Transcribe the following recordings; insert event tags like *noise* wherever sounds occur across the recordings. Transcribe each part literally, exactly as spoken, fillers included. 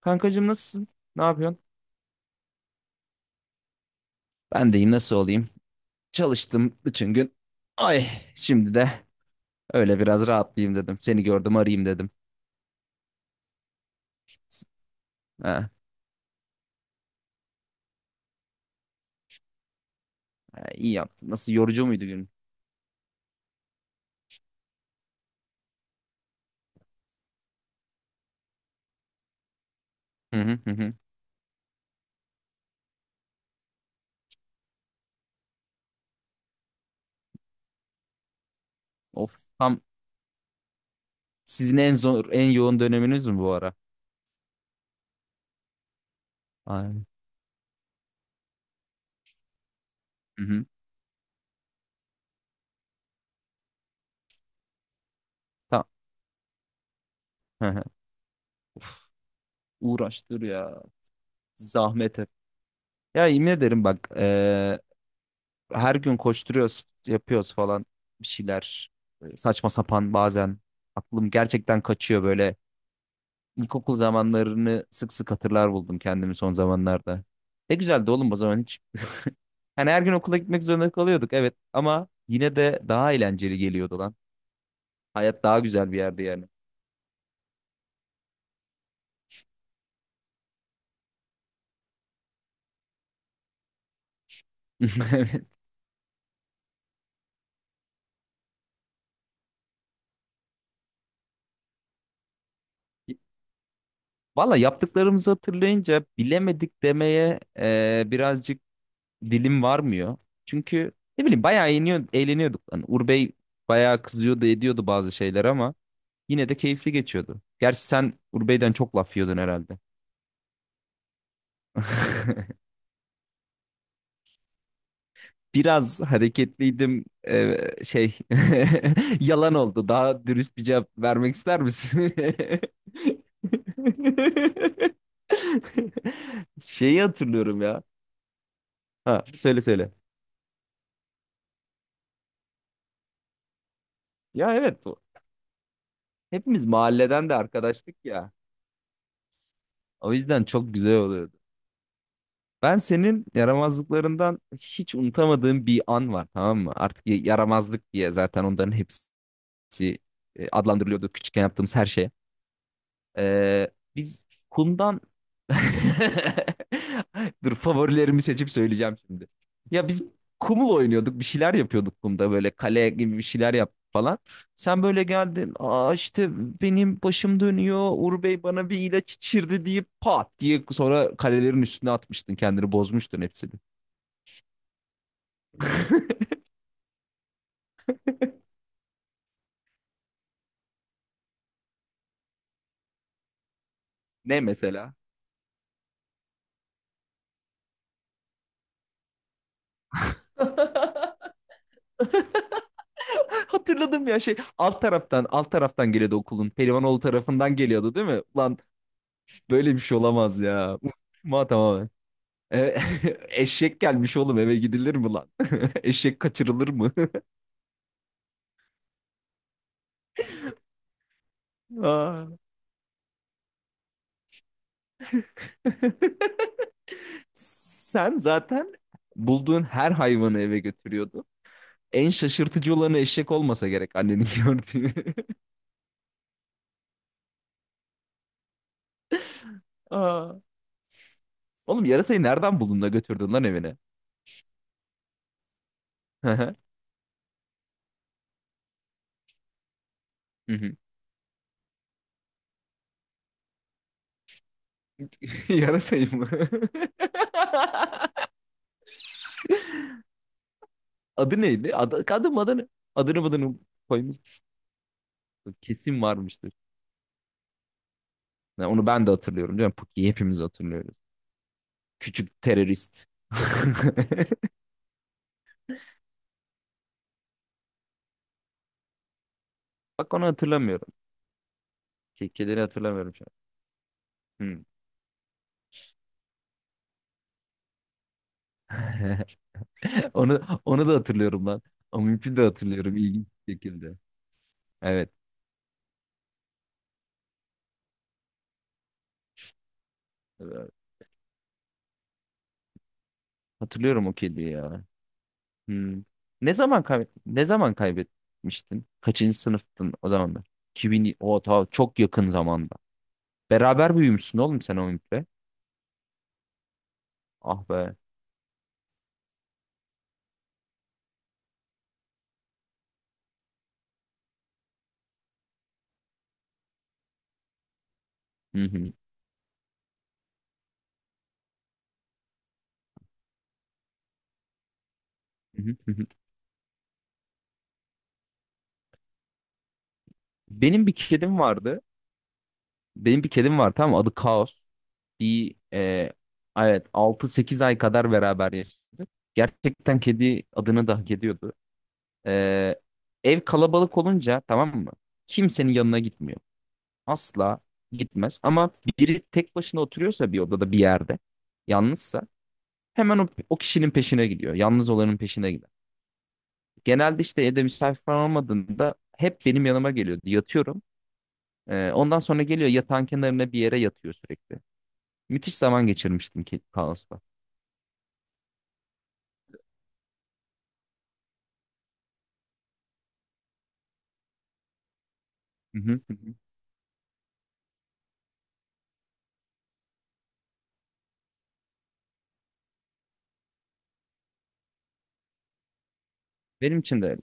Kankacığım, nasılsın? Ne yapıyorsun? Ben deyim nasıl olayım? Çalıştım bütün gün. Ay, şimdi de öyle biraz rahatlayayım dedim. Seni gördüm, arayayım dedim. Ha, ha, iyi yaptın. Nasıl, yorucu muydu gün? Hı hı hı. Hı. Of, tam sizin en zor, en yoğun döneminiz mi bu ara? Ay. Hı hı. Tam. Hı hı. Uğraştır ya. Zahmet hep. Ya yemin ederim, bak, eee, her gün koşturuyoruz, yapıyoruz falan bir şeyler. Böyle saçma sapan bazen aklım gerçekten kaçıyor. Böyle İlkokul zamanlarını sık sık hatırlar buldum kendimi son zamanlarda. Ne güzeldi oğlum o zaman, hiç. Yani her gün okula gitmek zorunda kalıyorduk, evet, ama yine de daha eğlenceli geliyordu lan. Hayat daha güzel bir yerdi yani. *laughs* Valla, yaptıklarımızı hatırlayınca bilemedik demeye eee, birazcık dilim varmıyor. Çünkü ne bileyim, bayağı eğleniyor, eğleniyorduk. Hani Urbey bayağı kızıyordu, ediyordu bazı şeyler ama yine de keyifli geçiyordu. Gerçi sen Urbey'den çok laf yiyordun herhalde. *laughs* Biraz hareketliydim. Ee, şey *laughs* yalan oldu. Daha dürüst bir cevap vermek ister misin? *laughs* Şeyi hatırlıyorum ya. Ha, söyle söyle. Ya evet, o- hepimiz mahalleden de arkadaştık ya. O yüzden çok güzel oluyordu. Ben senin yaramazlıklarından hiç unutamadığım bir an var, tamam mı? Artık y- yaramazlık diye zaten onların hepsi e, adlandırılıyordu, küçükken yaptığımız her şey. Ee, biz kumdan... *laughs* Dur, favorilerimi seçip söyleyeceğim şimdi. Ya biz kumul oynuyorduk, bir şeyler yapıyorduk kumda, böyle kale gibi bir şeyler yap falan. Sen böyle geldin, "Aa işte benim başım dönüyor, Uğur Bey bana bir ilaç içirdi" diye, pat diye sonra kalelerin üstüne atmıştın kendini, bozmuştun hepsini. *laughs* Ne mesela? *laughs* Hatırladım ya, şey, alt taraftan alt taraftan geliyordu okulun. Pelivanoğlu tarafından geliyordu değil mi? Ulan böyle bir şey olamaz ya. Ma tamamen. E, *laughs* eşek gelmiş oğlum, eve gidilir mi lan? *laughs* Eşek kaçırılır mı? *laughs* Aa. *laughs* Sen zaten bulduğun her hayvanı eve götürüyordun. En şaşırtıcı olanı eşek olmasa gerek annenin *laughs* gördüğü. Aa. Oğlum yarasayı nereden buldun da götürdün lan evine? *laughs* Hı hı. Hı hı. *laughs* Yarasayı mı? *laughs* Adı neydi? Adı, adı mı adı ne? Adını adını koymuş. Kesin varmıştır. Ya onu ben de hatırlıyorum değil mi? Puki'yi hepimiz hatırlıyoruz. Küçük terörist. *laughs* Bak onu hatırlamıyorum. Ke kederi hatırlamıyorum şu an. Hmm. *laughs* Onu, onu da hatırlıyorum lan. O mümkün de hatırlıyorum ilginç bir şekilde. Evet. Evet. Hatırlıyorum o kediyi ya. Hmm. Ne zaman kay ne zaman kaybetmiştin? Kaçıncı sınıftın o zamanlar? iki bin o ta çok yakın zamanda. Beraber büyümüşsün oğlum sen o Ümit'le. Ah be. Hı hı. Hı hı. Hı hı. Benim bir kedim vardı. Benim bir kedim var, tamam mı? Adı Kaos. Bir e, evet, altı sekiz ay kadar beraber yaşadık. Gerçekten kedi adını da hak ediyordu. E, ev kalabalık olunca, tamam mı? Kimsenin yanına gitmiyor. Asla gitmez. Ama biri tek başına oturuyorsa bir odada, bir yerde, yalnızsa hemen o, o kişinin peşine gidiyor. Yalnız olanın peşine gider. Genelde işte evde misafir falan olmadığında hep benim yanıma geliyordu. Yatıyorum. E, ondan sonra geliyor yatağın kenarına bir yere yatıyor sürekli. Müthiş zaman geçirmiştim ki Kaos'ta. Hı hı, hı hı. Benim için de öyle.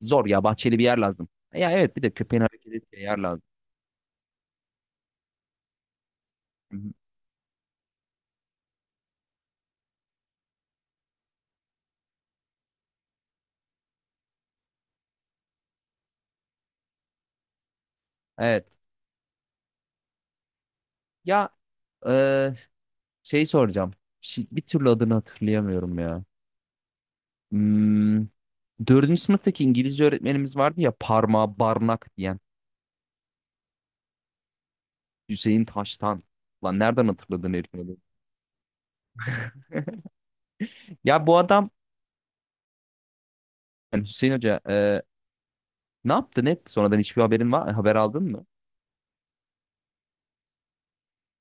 Zor ya, bahçeli bir yer lazım. Ya evet, bir de köpeğin hareket ettiği yer lazım. Hı hı. Evet. Ya, e, şey soracağım. Şi- bir türlü adını hatırlayamıyorum ya. Hmm, dördüncü sınıftaki İngilizce öğretmenimiz vardı ya, parmağı barnak diyen. Hüseyin Taştan. Lan nereden hatırladın herifin adını? Ya bu adam, yani Hüseyin Hoca, e, ne yaptı net? Sonradan hiçbir haberin var, haber aldın mı?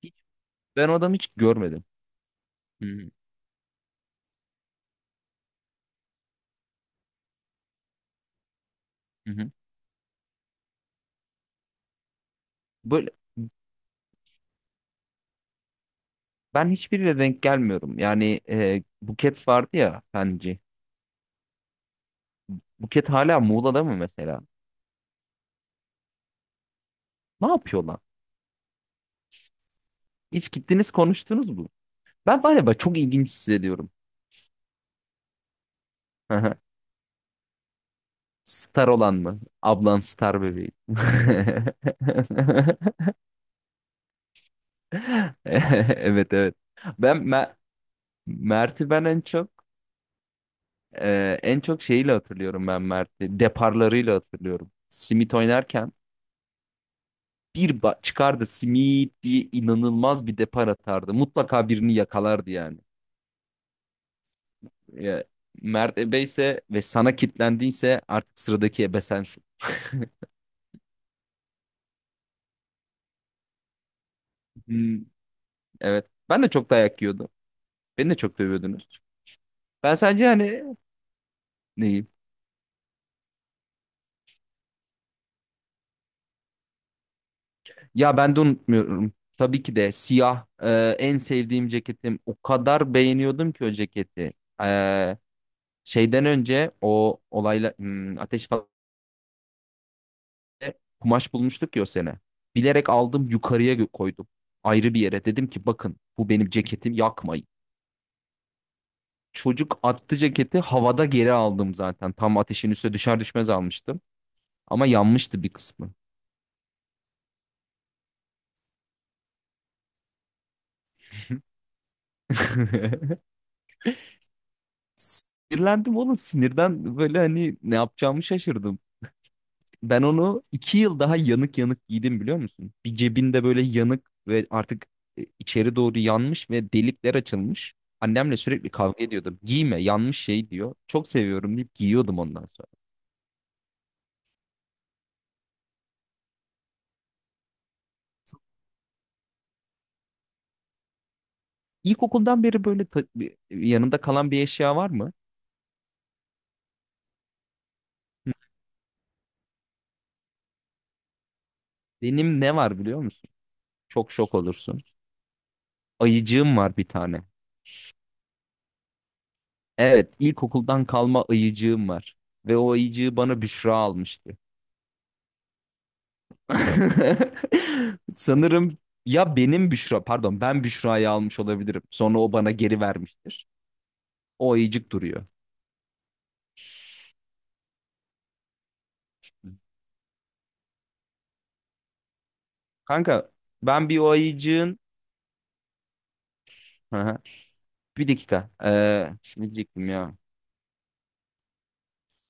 Hiç, ben o adamı hiç görmedim. Hı hı. Hı hı. Böyle, ben hiçbiriyle denk gelmiyorum. Yani, e, Buket vardı ya, Fenci. Buket hala Muğla'da mı mesela? Ne yapıyorlar? Hiç gittiniz, konuştunuz mu? Ben var ya, ben çok ilginç hissediyorum. *laughs* Star olan mı? Ablan star bebeği. *laughs* Evet evet. Ben Mer- Mert'i ben en çok e, en çok şeyiyle hatırlıyorum ben Mert'i. Deparlarıyla hatırlıyorum. Simit oynarken bir ba- çıkardı simit diye inanılmaz bir depar atardı. Mutlaka birini yakalardı yani. Ya, Mert ebe ise ve sana kilitlendiyse artık sıradaki ebe sensin. Hmm, evet. Ben de çok dayak yiyordum. Beni de çok dövüyordunuz. Ben sadece, hani, neyim? Ya ben de unutmuyorum. Tabii ki de, siyah e, en sevdiğim ceketim. O kadar beğeniyordum ki o ceketi. E, şeyden önce o olayla hmm, ateş kumaş bulmuştuk ya o sene. Bilerek aldım yukarıya, gö- koydum. Ayrı bir yere dedim ki, "Bakın, bu benim ceketim, yakmayın." Çocuk attı ceketi, havada geri aldım zaten. Tam ateşin üstüne düşer düşmez almıştım. Ama yanmıştı bir kısmı. *laughs* Sinirlendim oğlum, sinirden böyle hani ne yapacağımı şaşırdım. Ben onu iki yıl daha yanık yanık giydim, biliyor musun? Bir cebinde böyle yanık ve artık e, içeri doğru yanmış ve delikler açılmış. Annemle sürekli kavga ediyordum. "Giyme, yanmış şey" diyor. Çok seviyorum deyip giyiyordum ondan sonra. İlkokuldan beri böyle ta- bir- yanında kalan bir eşya var mı? Hı. Benim ne var biliyor musun? Çok şok olursun. Ayıcığım var bir tane. Evet, ilkokuldan kalma ayıcığım var. Ve o ayıcığı bana Büşra almıştı. *laughs* Sanırım ya, benim Büşra, pardon, ben Büşra'yı almış olabilirim. Sonra o bana geri vermiştir. O ayıcık duruyor. Kanka, ben bir o ayıcığın... Hı hı. Bir dakika. Ee, ne diyecektim ya?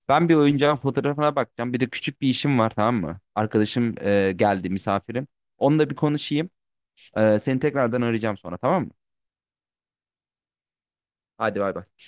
Ben bir oyuncağın fotoğrafına bakacağım. Bir de küçük bir işim var, tamam mı? Arkadaşım e, geldi, misafirim. Onunla bir konuşayım. Ee, seni tekrardan arayacağım sonra, tamam mı? Hadi, bay bay.